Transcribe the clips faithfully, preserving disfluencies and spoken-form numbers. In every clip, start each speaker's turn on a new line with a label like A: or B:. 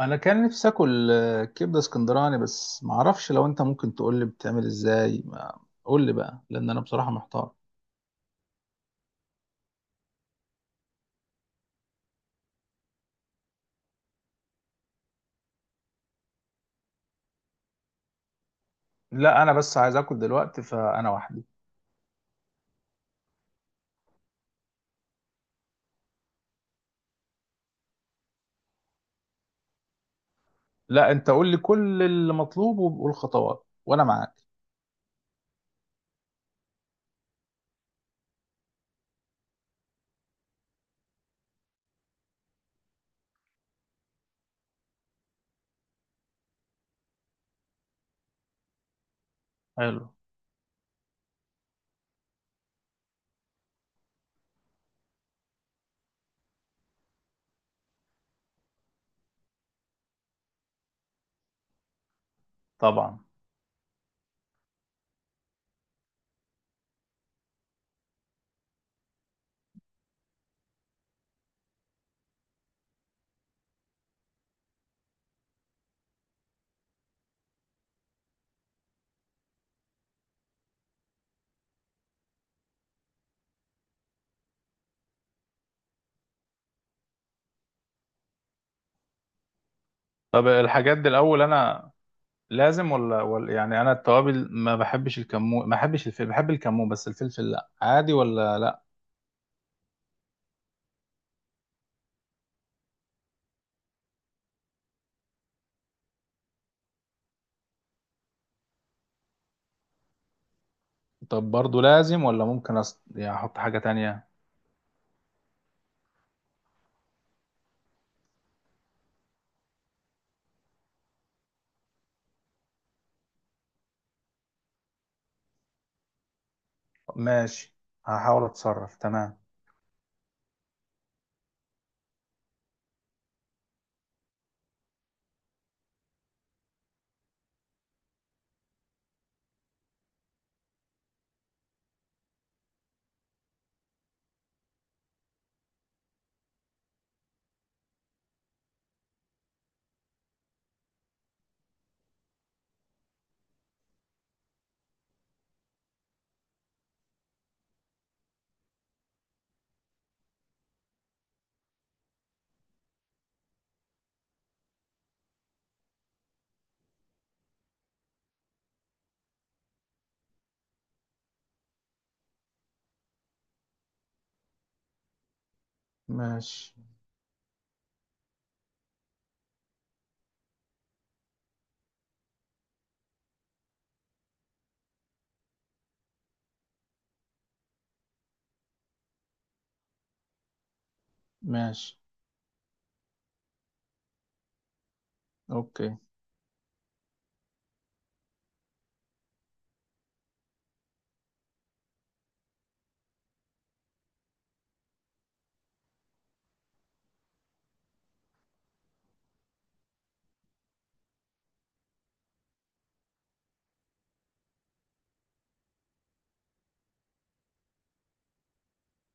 A: انا كان نفسي اكل آه، كبده اسكندراني، بس ما اعرفش. لو انت ممكن تقول لي بتعمل ازاي، ما قول لي بقى، لان انا بصراحه محتار. لا انا بس عايز اكل دلوقتي، فانا وحدي. لا انت قول لي كل اللي مطلوب والخطوات وانا معاك. حلو. طبعا. طب الحاجات دي الاول انا لازم ولا ولا يعني، انا التوابل ما بحبش الكمون، ما بحبش الفلفل. بحب الكمون بس الفلفل لا، عادي ولا لا؟ طب برضو لازم ولا ممكن أص... يعني احط حاجه تانية؟ ماشي. هحاول اتصرف. تمام. ماشي. ماشي. اوكي.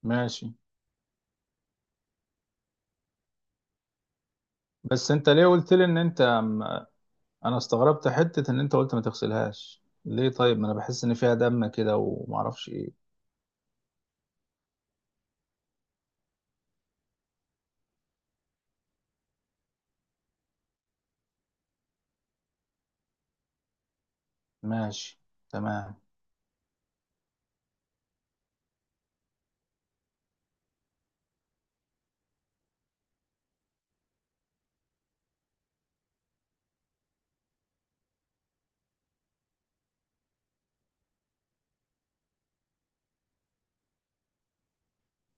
A: ماشي. بس انت ليه قلت لي ان انت م- انا استغربت حتة ان انت قلت ما تغسلهاش ليه؟ طيب ما انا بحس ان فيها دم كده ومعرفش ايه. ماشي. تمام.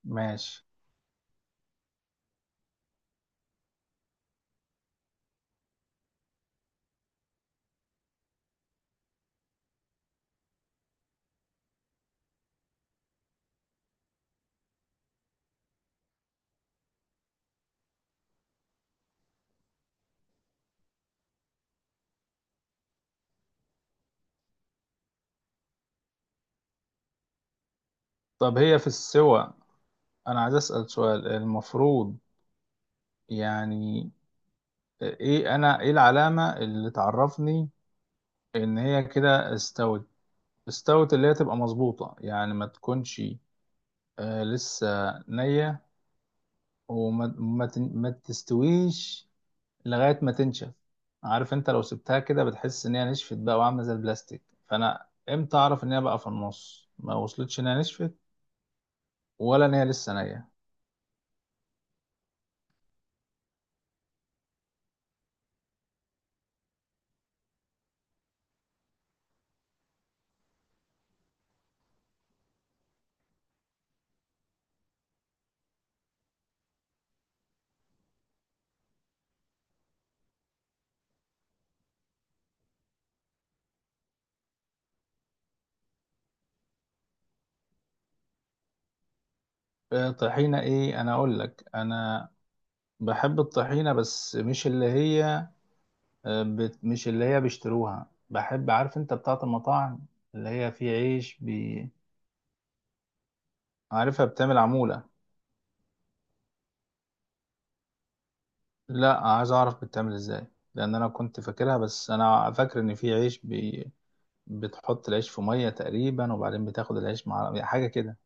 A: ماشي. طب هي في السوى، انا عايز اسأل سؤال. المفروض يعني ايه، انا ايه العلامة اللي تعرفني ان هي كده استوت؟ استوت اللي هي تبقى مظبوطة يعني، ما تكونش آه لسه نية، وما ما, تن- ما تستويش لغاية ما تنشف. عارف انت لو سبتها كده بتحس ان هي نشفت بقى وعاملة زي البلاستيك. فانا امتى اعرف ان هي بقى في النص، ما وصلتش ان هي نشفت ولا ان هي لسه نية؟ آه، طحينة، ايه؟ انا اقول لك، انا بحب الطحينة بس مش اللي هي آه، بت- مش اللي هي بيشتروها. بحب، عارف انت، بتاعة المطاعم، اللي هي في عيش بي... عارفها، بتعمل عمولة. لا، عايز اعرف بتتعمل ازاي، لان انا كنت فاكرها، بس انا فاكر ان في عيش بي... بتحط العيش في ميه تقريبا، وبعدين بتاخد العيش مع يعني حاجه كده.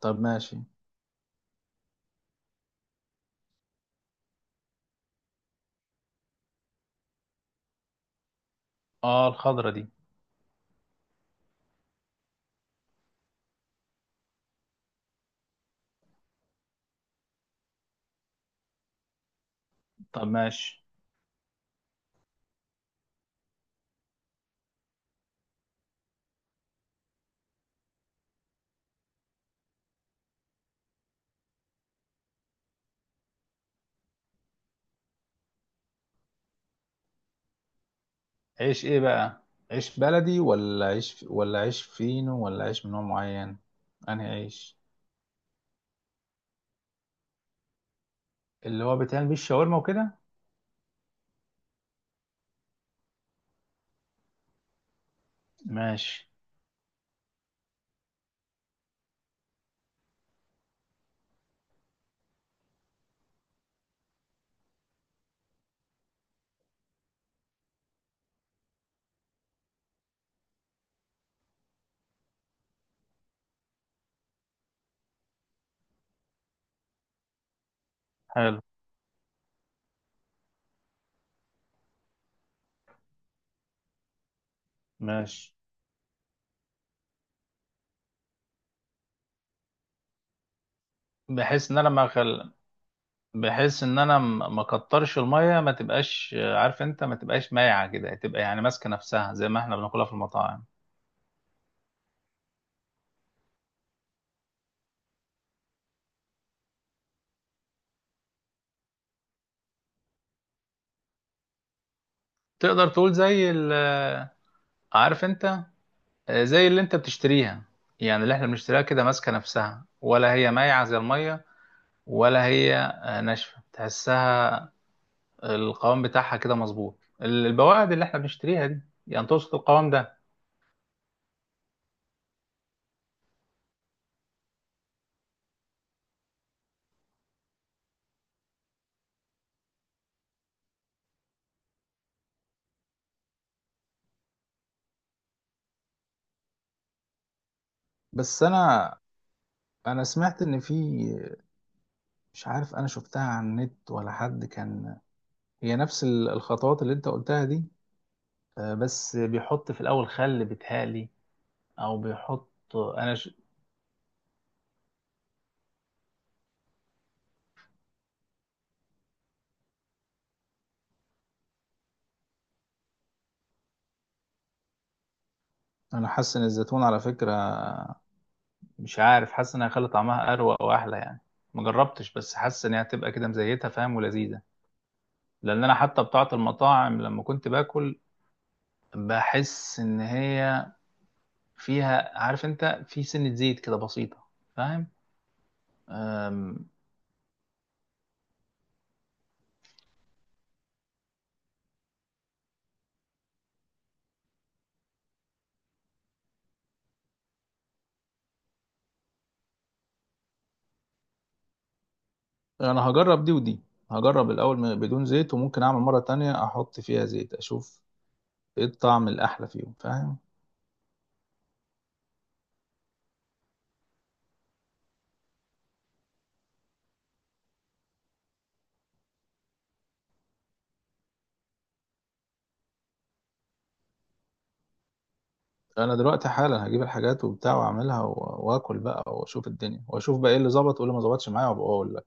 A: طب ماشي. اه الخضره دي. طب ماشي. عيش ايه بقى؟ عيش بلدي ولا عيش ولا عيش فينو ولا عيش من نوع معين؟ انهي عيش؟ اللي هو بيتعمل بيه الشاورما وكده؟ ماشي. حلو. ماشي. بحيث ان انا لما أخل... بحيث ان انا م- ما كترش الميه، ما تبقاش آه، عارف انت، ما تبقاش مايعه كده، تبقى يعني ماسكه نفسها زي ما احنا بناكلها في المطاعم. تقدر تقول زي ال- آه، عارف انت، آه، زي اللي انت بتشتريها، يعني اللي احنا بنشتريها كده ماسكه نفسها، ولا هي مايعه زي الميه، ولا هي آه، ناشفه تحسها؟ القوام بتاعها كده مظبوط، ال- البواعد اللي احنا بنشتريها دي، يعني تقصد القوام ده؟ بس انا، انا سمعت ان في، مش عارف انا شفتها على النت ولا حد كان، هي نفس ال- الخطوات اللي انت قلتها دي، آه، بس بيحط في الاول خل بتهالي، او بيحط. انا ش... انا حاسس ان الزيتون على فكره، مش عارف، حاسس انها خلي طعمها اروق واحلى يعني. ما جربتش بس حاسس ان هي هتبقى كده مزيتها، فاهم، ولذيذه. لان انا حتى بتاعه المطاعم لما كنت باكل بحس ان هي فيها، عارف انت، في سنه زيت كده بسيطه، فاهم. أم، انا هجرب دي ودي. هجرب الاول من- بدون زيت، وممكن اعمل مره تانية احط فيها زيت، اشوف ايه الطعم الاحلى فيهم، فاهم. انا دلوقتي حالا هجيب الحاجات وبتاع واعملها و- واكل بقى واشوف الدنيا، واشوف بقى ايه اللي ظبط وايه اللي ما ظبطش معايا، وابقى اقول.